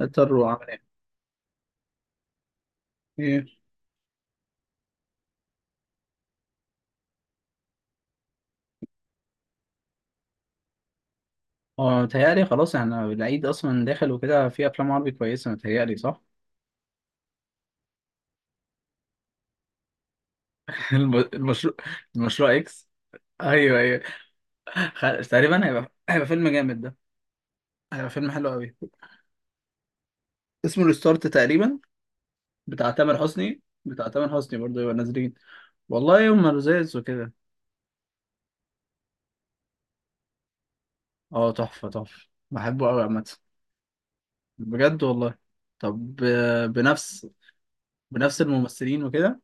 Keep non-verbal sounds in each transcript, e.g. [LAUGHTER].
اضطر وعمل ايه ايه. اه، متهيألي خلاص احنا العيد اصلا داخل وكده، في افلام عربي كويسه متهيألي، صح؟ [LAUGHS] المشروع، المشروع اكس. ايوه ايوه. تقريبا هيبقى فيلم جامد ده، هيبقى فيلم حلو قوي. اسمه ريستارت تقريبا، بتاع تامر حسني برضه، يبقى نازلين. والله يوم لذيذ وكده. اه تحفه تحفه، بحبه قوي عامه. بجد والله. طب بنفس، بنفس الممثلين وكده.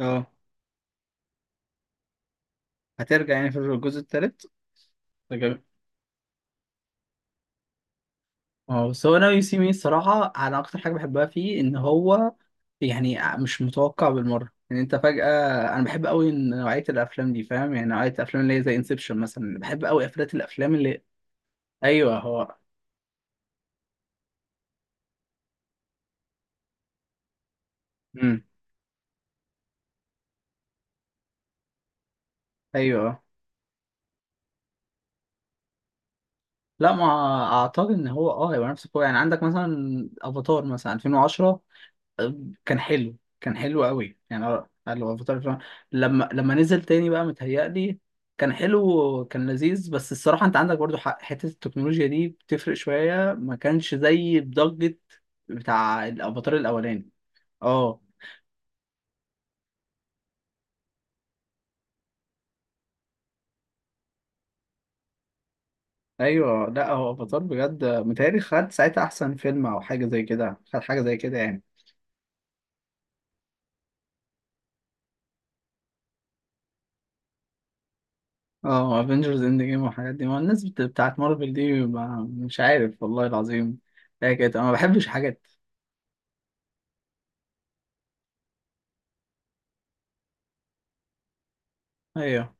اه، هترجع يعني في الجزء التالت. اه بس هو انا يو سي مي الصراحه، انا اكتر حاجه بحبها فيه ان هو يعني مش متوقع بالمره، يعني انت فجاه. انا بحب قوي إن نوعيه الافلام دي، فاهم؟ يعني نوعيه الافلام اللي هي زي انسبشن مثلا، بحب قوي افلات الافلام اللي ايوه هو. امم. ايوه لا ما اعتقد ان هو اه يبقى نفس القوة، يعني عندك مثلا افاتار مثلا 2010 كان حلو، كان حلو قوي يعني. اه قال له افاتار فعلاً. لما نزل تاني بقى متهيألي كان حلو كان لذيذ، بس الصراحة انت عندك برضو حق، حتة التكنولوجيا دي بتفرق شوية، ما كانش زي بضجة بتاع الافاتار الاولاني. اه. ايوه لا هو افاتار بجد متهيألي خد ساعتها احسن فيلم او حاجة زي كده، خد حاجة زي كده يعني. اه افنجرز اند جيم والحاجات دي، ما الناس بتاعت مارفل دي، ما مش عارف والله العظيم هي كده، انا ما بحبش حاجات. ايوه،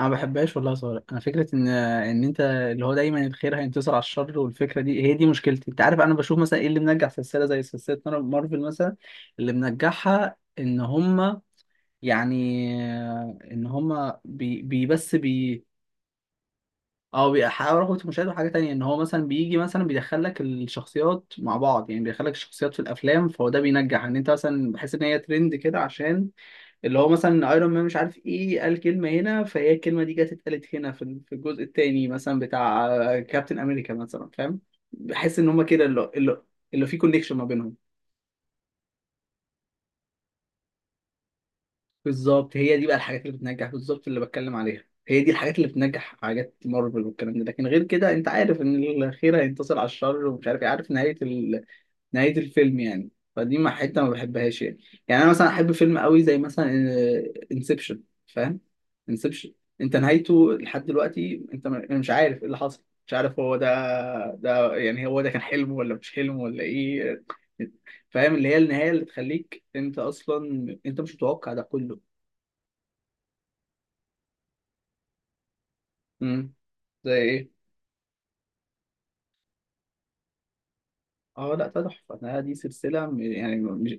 انا ما بحبهاش والله يا صابر. انا فكره ان انت اللي هو دايما الخير هينتصر على الشر، والفكره دي هي دي مشكلتي. انت عارف انا بشوف مثلا ايه اللي منجح سلسله زي سلسله مارفل مثلا؟ اللي منجحها ان هما يعني ان هما بي او بيحققوا رغبه المشاهد، وحاجه تانية ان هو مثلا بيجي مثلا بيدخل لك الشخصيات مع بعض، يعني بيدخل لك الشخصيات في الافلام، فهو ده بينجح ان انت مثلا بحس ان هي ترند كده عشان اللي هو مثلا ايرون مان مش عارف ايه قال كلمه هنا، فهي الكلمه دي جت اتقالت هنا في الجزء التاني مثلا بتاع كابتن امريكا مثلا، فاهم؟ بحس ان هما كده اللي اللي في كونكشن ما بينهم. بالظبط، هي دي بقى الحاجات اللي بتنجح، بالظبط اللي بتكلم عليها، هي دي الحاجات اللي بتنجح، حاجات مارفل والكلام ده. لكن غير كده انت عارف ان الخير هينتصر على الشر ومش عارف ايه، عارف نهايه، نهاية الفيلم يعني. فدي ما حتة ما بحبهاش يعني. يعني أنا مثلا أحب فيلم قوي زي مثلا انسبشن، فاهم؟ انسبشن أنت نهايته لحد دلوقتي أنت مش عارف إيه اللي حصل، مش عارف هو ده، ده يعني هو ده كان حلم ولا مش حلم ولا إيه، فاهم؟ اللي هي النهاية اللي تخليك أنت أصلا أنت مش متوقع ده كله. امم. زي إيه؟ اه لا ده تحفة ده، دي سلسلة يعني مش،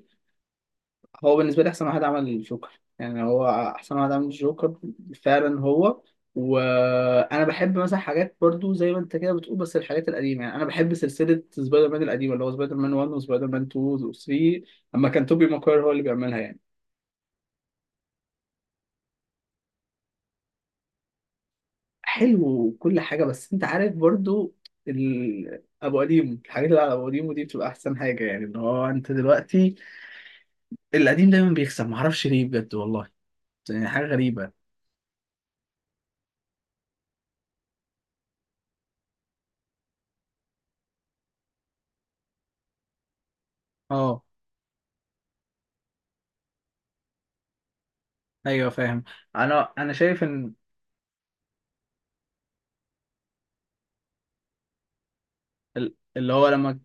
هو بالنسبة لي أحسن واحد عمل الجوكر، يعني هو أحسن واحد عمل الجوكر فعلا هو. وأنا بحب مثلا حاجات برضو زي ما أنت كده بتقول بس الحاجات القديمة، يعني أنا بحب سلسلة سبايدر مان القديمة، اللي هو سبايدر مان 1 وسبايدر مان 2 و 3 أما كان توبي ماكوير هو اللي بيعملها يعني. حلو وكل حاجة، بس أنت عارف برضو أبو قديم، الحاجات اللي على أبو قديم ودي بتبقى أحسن حاجة، يعني إن هو أنت دلوقتي القديم دايما بيكسب، معرفش ليه بجد والله، يعني حاجة غريبة. أه ايوه فاهم. انا شايف ان اللي هو لما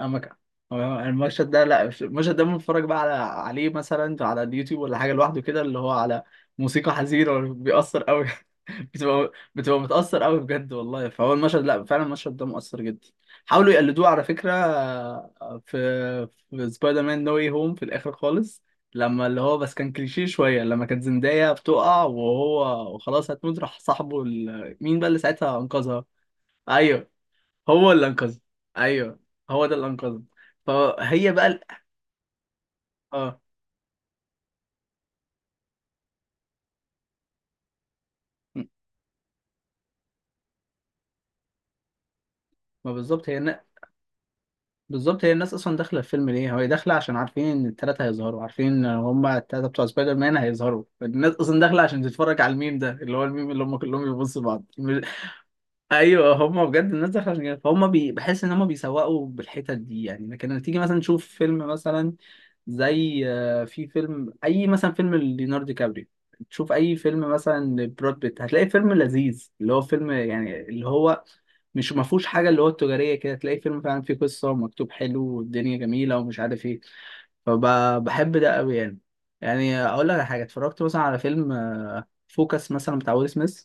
لما ك- هو المشهد ده، لا مش المشهد ده، بنتفرج بقى على، عليه مثلا على اليوتيوب ولا حاجه لوحده كده، اللي هو على موسيقى حزينه بيأثر قوي. [LAUGHS] بتبقى متأثر قوي بجد والله، فهو المشهد لا فعلا المشهد ده مؤثر جدا. حاولوا يقلدوه على فكره في في سبايدر مان نو واي هوم في الاخر خالص، لما اللي هو بس كان كليشيه شويه، لما كانت زندايا بتقع وهو وخلاص هتموت راح صاحبه مين بقى اللي ساعتها انقذها. ايوه هو اللي انقذني. ايوه هو ده اللي انقذني. فهي بقى ال- اه م- ما بالظبط هي بالظبط هي الناس اصلا داخله الفيلم ليه، هو داخله عشان عارفين ان الثلاثه هيظهروا، عارفين ان هما الثلاثه بتوع سبايدر مان هيظهروا، الناس اصلا داخله عشان تتفرج على الميم ده، اللي هو الميم اللي هم كلهم بيبصوا بعض. ايوه هم بجد الناس داخله عشان كده، فهم بحس ان هم بيسوقوا بالحتت دي يعني. لكن لما تيجي مثلا تشوف فيلم مثلا زي في فيلم اي مثلا فيلم ليوناردو دي كابريو، تشوف اي فيلم مثلا لبراد بيت، هتلاقي فيلم لذيذ اللي هو فيلم يعني اللي هو مش ما فيهوش حاجه اللي هو التجاريه كده، تلاقي فيلم فعلا فيه قصه ومكتوب حلو والدنيا جميله ومش عارف ايه، فبحب ده قوي يعني. يعني اقول لك على حاجه، اتفرجت مثلا على فيلم فوكس مثلا بتاع ويل سميث.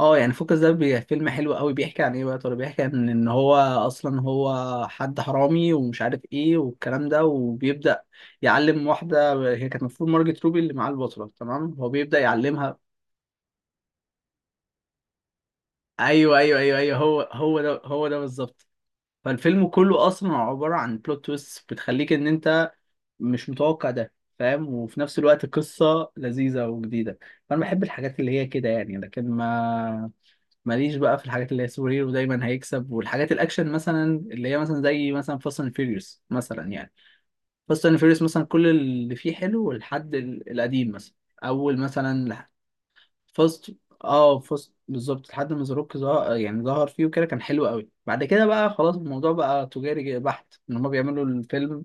اه يعني فوكس ده فيلم حلو قوي، بيحكي عن ايه بقى يا ترى؟ بيحكي عن ان هو اصلا هو حد حرامي ومش عارف ايه والكلام ده، وبيبدأ يعلم واحدة هي كانت المفروض مارجت روبي اللي معاه البطلة، تمام؟ هو بيبدأ يعلمها. ايوه هو هو ده هو ده بالظبط. فالفيلم كله اصلا عبارة عن بلوت تويست بتخليك ان انت مش متوقع ده، فاهم؟ وفي نفس الوقت قصة لذيذة وجديدة. فانا بحب الحاجات اللي هي كده يعني، لكن ما ماليش بقى في الحاجات اللي هي سوبر هيرو دايما هيكسب، والحاجات الاكشن مثلا اللي هي مثلا زي مثلا فاست اند فيوريوس مثلا يعني. فاست اند فيوريوس مثلا كل اللي فيه حلو لحد القديم مثلا، اول مثلا فاست، اه فاست بالظبط، لحد ما زاروك ظهر يعني ظهر فيه وكده كان حلو قوي، بعد كده بقى خلاص الموضوع بقى تجاري بحت ان هما بيعملوا الفيلم.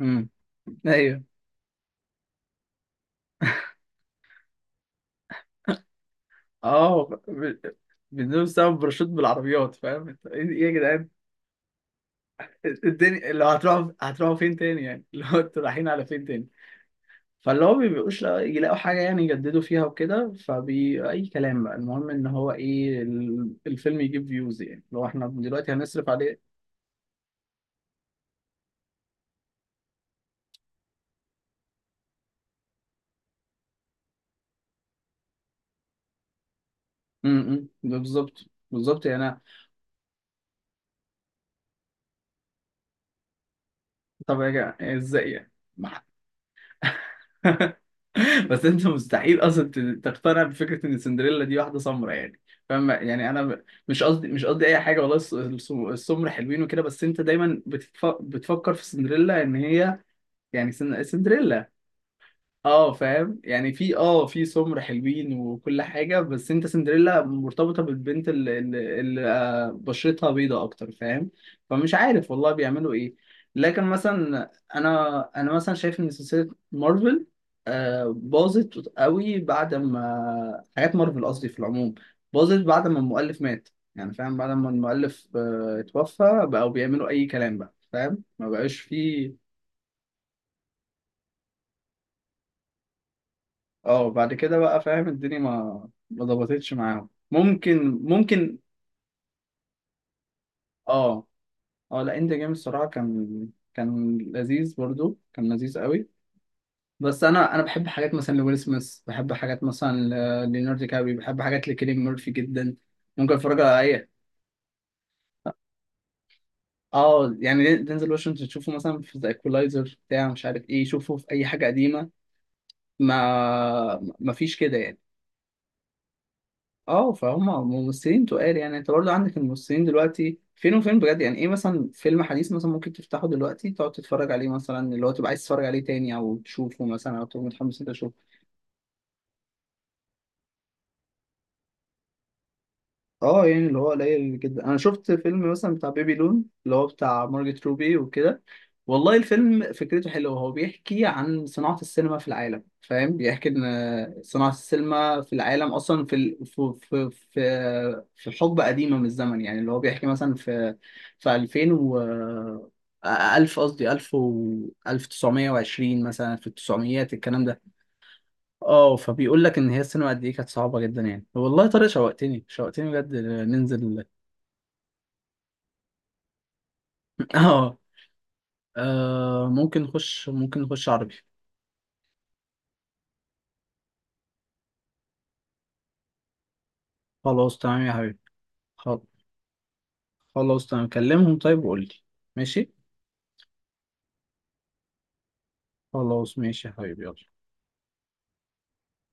امم. ايبنوا. [LAUGHS] اه، بيدوسوا بسبب باراشوت بالعربيات، فاهم انت ايه؟ إيه يا جدعان الدنيا اللي هتروحوا، هتروحوا فين تاني يعني؟ [LAUGHS] اللي هو انتوا رايحين على فين تاني. فاللي هو بيبقوش يلاقوا حاجة يعني يجددوا فيها وكده، فبي أي كلام بقى، المهم إن هو إيه الفيلم يجيب فيوز يعني لو إحنا دلوقتي هنصرف عليه. م- م. بالظبط بالظبط يعني أنا، طب يا جماعة إزاي يعني؟ [LAUGHS] بس انت مستحيل اصلا تقتنع بفكره ان سندريلا دي واحده سمرا يعني، فاهم يعني؟ انا مش قصدي، مش قصدي اي حاجه والله، السمر حلوين وكده، بس انت دايما بتفكر في سندريلا ان هي يعني سندريلا. اه فاهم يعني، في اه في سمر حلوين وكل حاجة، بس انت سندريلا مرتبطة بالبنت اللي بشرتها بيضة اكتر، فاهم؟ فمش عارف والله بيعملوا ايه. لكن مثلا انا مثلا شايف ان سلسلة مارفل باظت قوي، بعد ما حاجات مارفل، قصدي في العموم، باظت بعد ما المؤلف مات، يعني فاهم، بعد ما المؤلف اتوفى بقوا بيعملوا اي كلام بقى، فاهم؟ ما بقاش فيه. اه بعد كده بقى فاهم، الدنيا ما ظبطتش معاهم، ممكن. اه. اه لا اند جيم الصراحه كان، كان لذيذ برضو كان لذيذ قوي. بس انا بحب حاجات مثلا لويل سميث، بحب حاجات مثلا ليوناردو دي كابري، بحب حاجات لكيليان ميرفي جدا، ممكن اتفرج على اي. اه يعني دينزل واشنطن تشوفه مثلا في ذا ايكولايزر بتاع مش عارف ايه، شوفه في اي حاجه قديمه، ما فيش كده يعني. اه فهم ممثلين تقال، يعني انت برضه عندك الممثلين دلوقتي فين وفين بجد يعني. ايه مثلا فيلم حديث مثلا ممكن تفتحه دلوقتي تقعد تتفرج عليه مثلا، اللي هو تبقى عايز تتفرج عليه تاني او تشوفه مثلا او تبقى متحمس انت؟ اه يعني اللي هو قليل جدا. انا شفت فيلم مثلا بتاع بيبي لون اللي هو بتاع مارجت روبي وكده، والله الفيلم فكرته حلوه. هو بيحكي عن صناعه السينما في العالم، فاهم؟ بيحكي ان صناعه السينما في العالم اصلا في ال- في في في, في حقبه قديمه من الزمن، يعني اللي هو بيحكي مثلا في 2000 و 1000 قصدي 1000 و 1920 مثلا في التسعميات الكلام ده. اه فبيقول لك ان هي السينما قد ايه كانت صعبه جدا يعني. والله يا طارق شوقتني شوقتني بجد ننزل. [LAUGHS] اه، ممكن نخش عربي. خلاص تمام يا حبيبي. خل- خلاص تمام، كلمهم طيب وقول لي. ماشي. خلاص ماشي يا حبيبي، يلا.